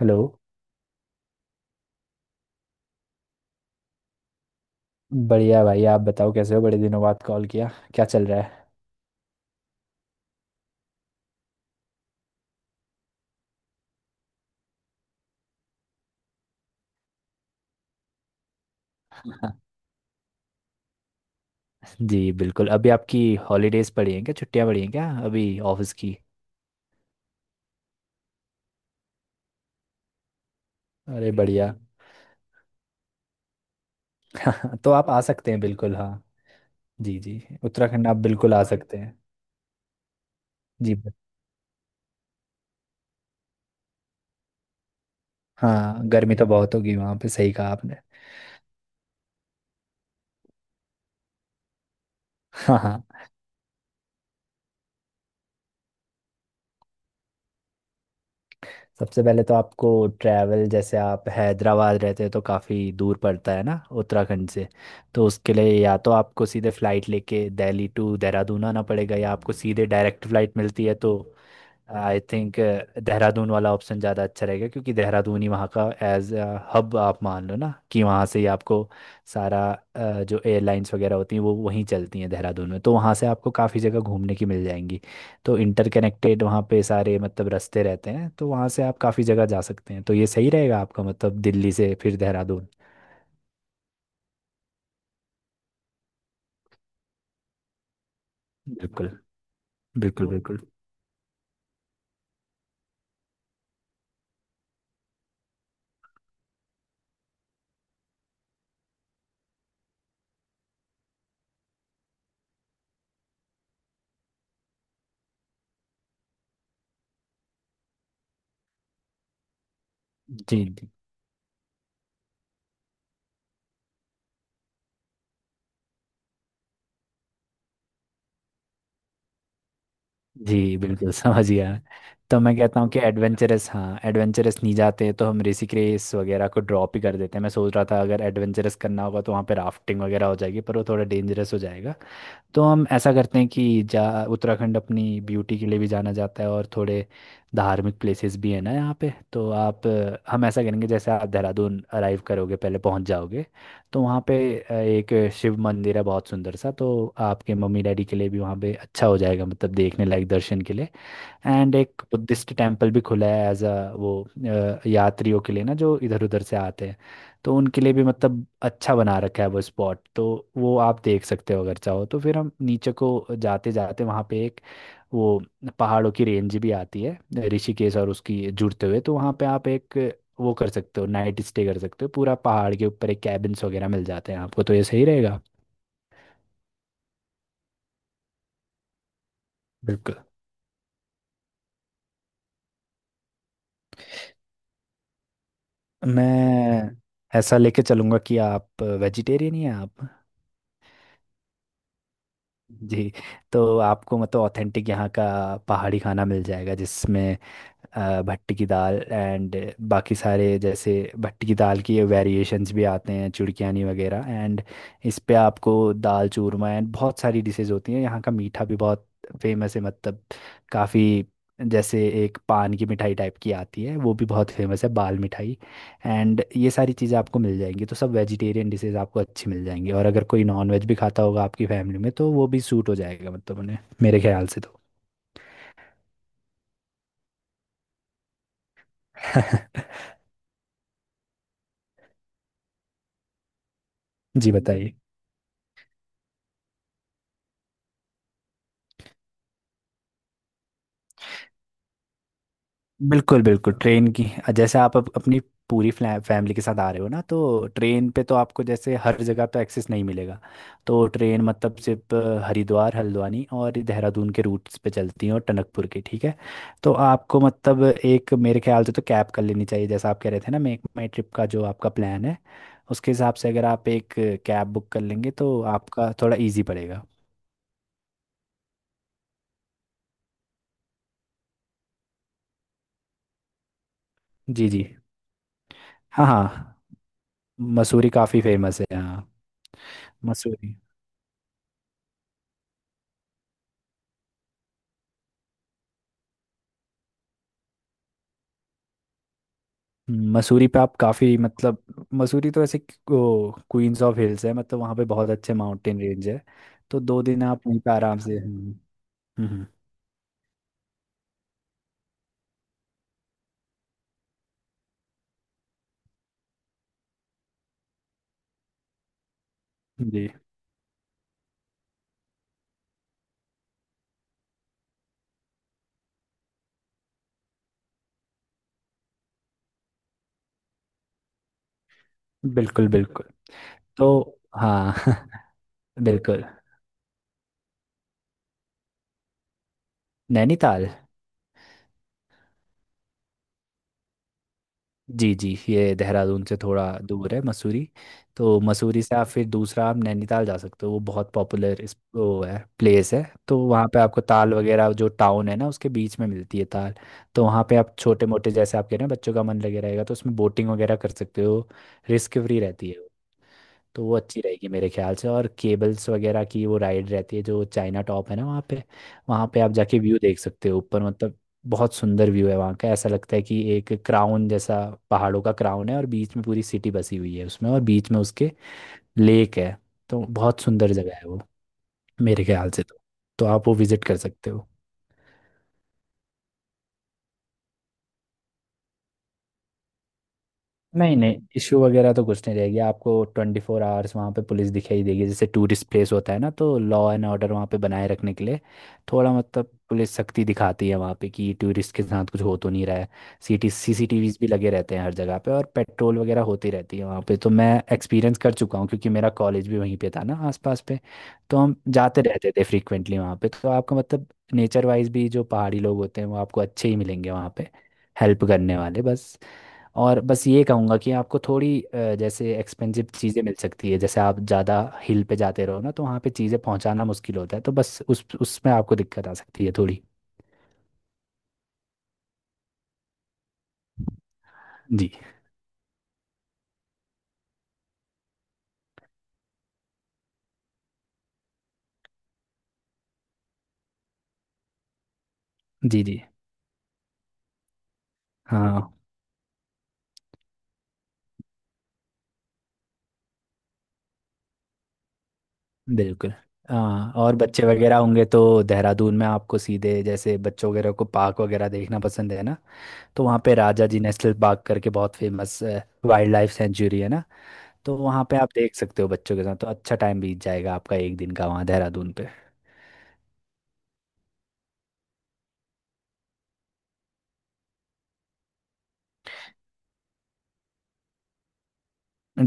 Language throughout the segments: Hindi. हेलो। बढ़िया भाई, आप बताओ कैसे हो? बड़े दिनों बाद कॉल किया, क्या चल रहा है? जी बिल्कुल। अभी आपकी हॉलीडेज पड़ी हैं क्या, छुट्टियां पड़ी हैं क्या अभी? ऑफिस की? अरे बढ़िया। तो आप आ सकते हैं, बिल्कुल हाँ। जी जी। उत्तराखंड आप बिल्कुल आ सकते हैं। जी। हाँ, गर्मी तो बहुत होगी वहाँ पे, सही कहा आपने। हाँ हाँ। सबसे पहले तो आपको ट्रैवल, जैसे आप हैदराबाद रहते हो तो काफ़ी दूर पड़ता है ना उत्तराखंड से। तो उसके लिए या तो आपको सीधे फ़्लाइट लेके दिल्ली टू देहरादून आना पड़ेगा, या आपको सीधे डायरेक्ट फ़्लाइट मिलती है तो आई थिंक देहरादून वाला ऑप्शन ज़्यादा अच्छा रहेगा, क्योंकि देहरादून ही वहाँ का एज हब, आप मान लो ना कि वहाँ से ही आपको सारा जो एयरलाइंस वगैरह होती हैं वो वहीं चलती हैं देहरादून में, तो वहाँ से आपको काफ़ी जगह घूमने की मिल जाएंगी। तो इंटरकनेक्टेड वहाँ पे सारे मतलब रास्ते रहते हैं, तो वहाँ से आप काफ़ी जगह जा सकते हैं, तो ये सही रहेगा आपका मतलब, दिल्ली से फिर देहरादून। बिल्कुल, बिल्कुल, बिल्कुल। जी जी। जी बिल्कुल, समझ गया। तो मैं कहता हूँ कि एडवेंचरस, हाँ एडवेंचरस नहीं जाते तो हम ऋषिकेश वगैरह को ड्रॉप ही कर देते हैं। मैं सोच रहा था अगर एडवेंचरस करना होगा तो वहाँ पे राफ्टिंग वगैरह हो जाएगी, पर वो थोड़ा डेंजरस हो जाएगा। तो हम ऐसा करते हैं कि जा... उत्तराखंड अपनी ब्यूटी के लिए भी जाना जाता है, और थोड़े धार्मिक प्लेसेस भी हैं ना यहाँ पे। तो आप हम ऐसा करेंगे, जैसे आप देहरादून अराइव करोगे पहले, पहुँच जाओगे, तो वहाँ पे एक शिव मंदिर है बहुत सुंदर सा, तो आपके मम्मी डैडी के लिए भी वहाँ पे अच्छा हो जाएगा मतलब, देखने लायक दर्शन के लिए। एंड एक बुद्धिस्ट टेम्पल भी खुला है एज अ वो, यात्रियों के लिए ना, जो इधर उधर से आते हैं, तो उनके लिए भी मतलब अच्छा बना रखा है वो स्पॉट। तो वो आप देख सकते हो अगर चाहो तो। फिर हम नीचे को जाते जाते वहाँ पे एक वो पहाड़ों की रेंज भी आती है, ऋषिकेश और उसकी जुड़ते हुए, तो वहाँ पे आप एक वो कर सकते हो, नाइट स्टे कर सकते हो पूरा पहाड़ के ऊपर, एक कैबिन्स वगैरह मिल जाते हैं आपको, तो ये सही रहेगा। बिल्कुल। मैं ऐसा लेके चलूंगा कि आप वेजिटेरियन ही हैं आप? जी। तो आपको मतलब ऑथेंटिक यहाँ का पहाड़ी खाना मिल जाएगा, जिसमें भट्टी की दाल एंड बाकी सारे, जैसे भट्टी की दाल की वेरिएशंस भी आते हैं, चुड़कियानी वगैरह, एंड इस पे आपको दाल चूरमा एंड बहुत सारी डिशेज होती हैं। यहाँ का मीठा भी बहुत फेमस है मतलब, काफ़ी, जैसे एक पान की मिठाई टाइप की आती है वो भी बहुत फेमस है, बाल मिठाई। एंड ये सारी चीज़ें आपको मिल जाएंगी, तो सब वेजिटेरियन डिशेज आपको अच्छी मिल जाएंगी। और अगर कोई नॉन वेज भी खाता होगा आपकी फैमिली में तो वो भी सूट हो जाएगा मतलब उन्हें, मेरे ख्याल से तो। जी बताइए। बिल्कुल बिल्कुल, ट्रेन की। जैसे आप अपनी पूरी फैमिली के साथ आ रहे हो ना, तो ट्रेन पे तो आपको जैसे हर जगह पे एक्सेस नहीं मिलेगा। तो ट्रेन मतलब सिर्फ हरिद्वार, हल्द्वानी और देहरादून के रूट्स पे चलती हैं, और टनकपुर की, ठीक है। तो आपको मतलब एक मेरे ख्याल से तो कैब कर लेनी चाहिए, जैसा आप कह रहे थे ना, मेक माई ट्रिप का जो आपका प्लान है, उसके हिसाब से अगर आप एक कैब बुक कर लेंगे तो आपका थोड़ा इजी पड़ेगा। जी जी। हाँ हाँ, मसूरी काफ़ी फेमस है, हाँ। मसूरी। मसूरी पे आप काफ़ी मतलब, मसूरी तो ऐसे क्वींस ऑफ हिल्स है, मतलब वहाँ पे बहुत अच्छे माउंटेन रेंज है। तो दो दिन आप वहीं पे आराम से, हम्म, जी बिल्कुल बिल्कुल, तो हाँ। बिल्कुल। नैनीताल। जी जी, ये देहरादून से थोड़ा दूर है मसूरी। तो मसूरी से आप फिर दूसरा आप नैनीताल जा सकते हो, वो बहुत पॉपुलर इस वो है, प्लेस है। तो वहाँ पे आपको ताल वगैरह, जो टाउन है ना उसके बीच में मिलती है ताल। तो वहाँ पे आप छोटे मोटे, जैसे आप कह रहे हैं बच्चों का मन लगे रहेगा, तो उसमें बोटिंग वगैरह कर सकते हो। रिस्क फ्री रहती है, तो वो अच्छी रहेगी मेरे ख्याल से। और केबल्स वगैरह की वो राइड रहती है, जो चाइना टॉप है ना वहाँ पे। वहाँ पे आप जाके व्यू देख सकते हो ऊपर, मतलब बहुत सुंदर व्यू है वहाँ का। ऐसा लगता है कि एक क्राउन जैसा, पहाड़ों का क्राउन है और बीच में पूरी सिटी बसी हुई है उसमें, और बीच में उसके लेक है। तो बहुत सुंदर जगह है वो मेरे ख्याल से तो आप वो विजिट कर सकते हो। नहीं नहीं, इशू वगैरह तो कुछ नहीं रहेगी आपको। 24 आवर्स वहाँ पे पुलिस दिखाई देगी, जैसे टूरिस्ट प्लेस होता है ना, तो लॉ एंड ऑर्डर वहाँ पे बनाए रखने के लिए थोड़ा मतलब पुलिस सख्ती दिखाती है वहाँ पे, कि टूरिस्ट के साथ कुछ हो तो नहीं रहा है। सीटी सीसीटीवीज भी लगे रहते हैं हर जगह पे, और पेट्रोल वगैरह होती रहती है वहाँ पे। तो मैं एक्सपीरियंस कर चुका हूँ, क्योंकि मेरा कॉलेज भी वहीं पे था ना आसपास पे। तो हम जाते रहते थे फ्रीक्वेंटली वहाँ पे। तो आपका मतलब नेचर वाइज भी, जो पहाड़ी लोग होते हैं वो आपको अच्छे ही मिलेंगे वहाँ पे, हेल्प करने वाले, बस। और बस ये कहूँगा कि आपको थोड़ी जैसे एक्सपेंसिव चीज़ें मिल सकती है, जैसे आप ज़्यादा हिल पे जाते रहो ना, तो वहाँ पे चीज़ें पहुँचाना मुश्किल होता है, तो बस उस उसमें आपको दिक्कत आ सकती है थोड़ी। जी जी। जी हाँ बिल्कुल। हाँ और बच्चे वगैरह होंगे तो देहरादून में आपको सीधे, जैसे बच्चों वगैरह को पार्क वगैरह देखना पसंद है ना, तो वहाँ पे राजा जी नेशनल पार्क करके बहुत फेमस वाइल्ड लाइफ सेंचुरी है ना। तो वहाँ पे आप देख सकते हो बच्चों के साथ तो अच्छा टाइम बीत जाएगा आपका, एक दिन का वहाँ देहरादून पे।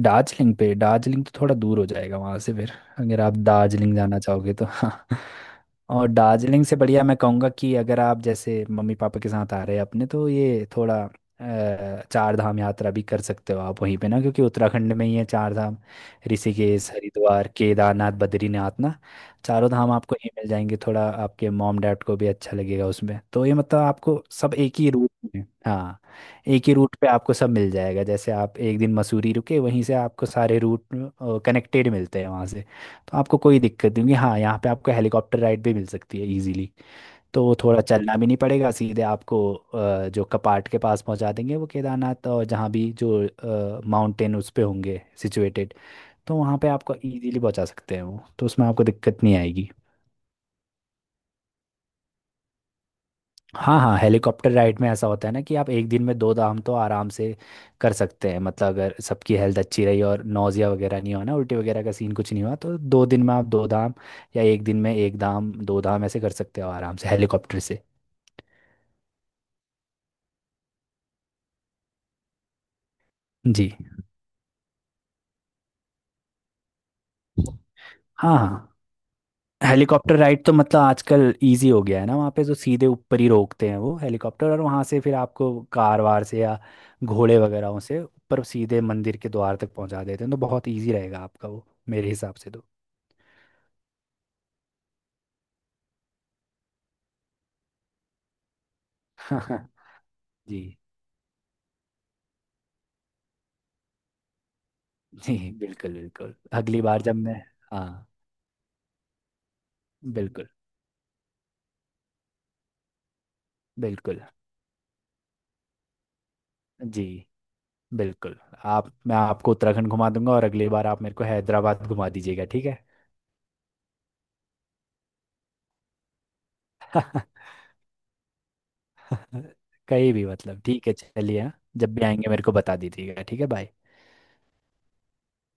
दार्जिलिंग पे, दार्जिलिंग तो थोड़ा दूर हो जाएगा वहां से फिर। अगर आप दार्जिलिंग जाना चाहोगे तो हाँ। और दार्जिलिंग से बढ़िया मैं कहूँगा कि अगर आप जैसे मम्मी पापा के साथ आ रहे हैं अपने, तो ये थोड़ा चार धाम यात्रा भी कर सकते हो आप वहीं पे ना, क्योंकि उत्तराखंड में ही है चार धाम, ऋषिकेश, हरिद्वार, केदारनाथ, बद्रीनाथ ना। चारों धाम आपको ये मिल जाएंगे, थोड़ा आपके मॉम डैड को भी अच्छा लगेगा उसमें, तो ये मतलब आपको सब एक ही रूट में, हाँ। एक ही रूट पे आपको सब मिल जाएगा, जैसे आप एक दिन मसूरी रुके, वहीं से आपको सारे रूट कनेक्टेड मिलते हैं वहाँ से। तो आपको कोई दिक्कत नहीं होगी, हाँ। यहाँ पे आपको हेलीकॉप्टर राइड भी मिल सकती है इजीली। तो वो थोड़ा चलना भी नहीं पड़ेगा, सीधे आपको जो कपाट के पास पहुँचा देंगे वो, केदारनाथ और जहाँ भी जो माउंटेन उस पे होंगे सिचुएटेड, तो वहाँ पे आपको इजीली पहुँचा सकते हैं वो। तो उसमें आपको दिक्कत नहीं आएगी। हाँ हाँ, हेलीकॉप्टर राइड में ऐसा होता है ना कि आप एक दिन में दो धाम तो आराम से कर सकते हैं, मतलब अगर सबकी हेल्थ अच्छी रही और नौजिया वगैरह नहीं हुआ ना, उल्टी वगैरह का सीन कुछ नहीं हुआ, तो 2 दिन में आप दो धाम या एक दिन में एक धाम दो धाम ऐसे कर सकते हो आराम से हेलीकॉप्टर से। जी। हाँ हाँ, हेलीकॉप्टर राइड तो मतलब आजकल इजी हो गया है ना वहाँ पे, तो सीधे ऊपर ही रोकते हैं वो हेलीकॉप्टर, और वहाँ से फिर आपको कार वार से या घोड़े वगैरह से ऊपर सीधे मंदिर के द्वार तक पहुँचा देते हैं। तो बहुत इजी रहेगा आपका वो मेरे हिसाब से तो। जी जी, बिल्कुल बिल्कुल। अगली बार जब मैं... हाँ, बिल्कुल बिल्कुल। जी बिल्कुल। आप, मैं आपको उत्तराखंड घुमा दूंगा और अगली बार आप मेरे को हैदराबाद घुमा दीजिएगा, ठीक है? कहीं भी मतलब, ठीक है चलिए हाँ। जब भी आएंगे मेरे को बता दीजिएगा, ठीक है? बाय।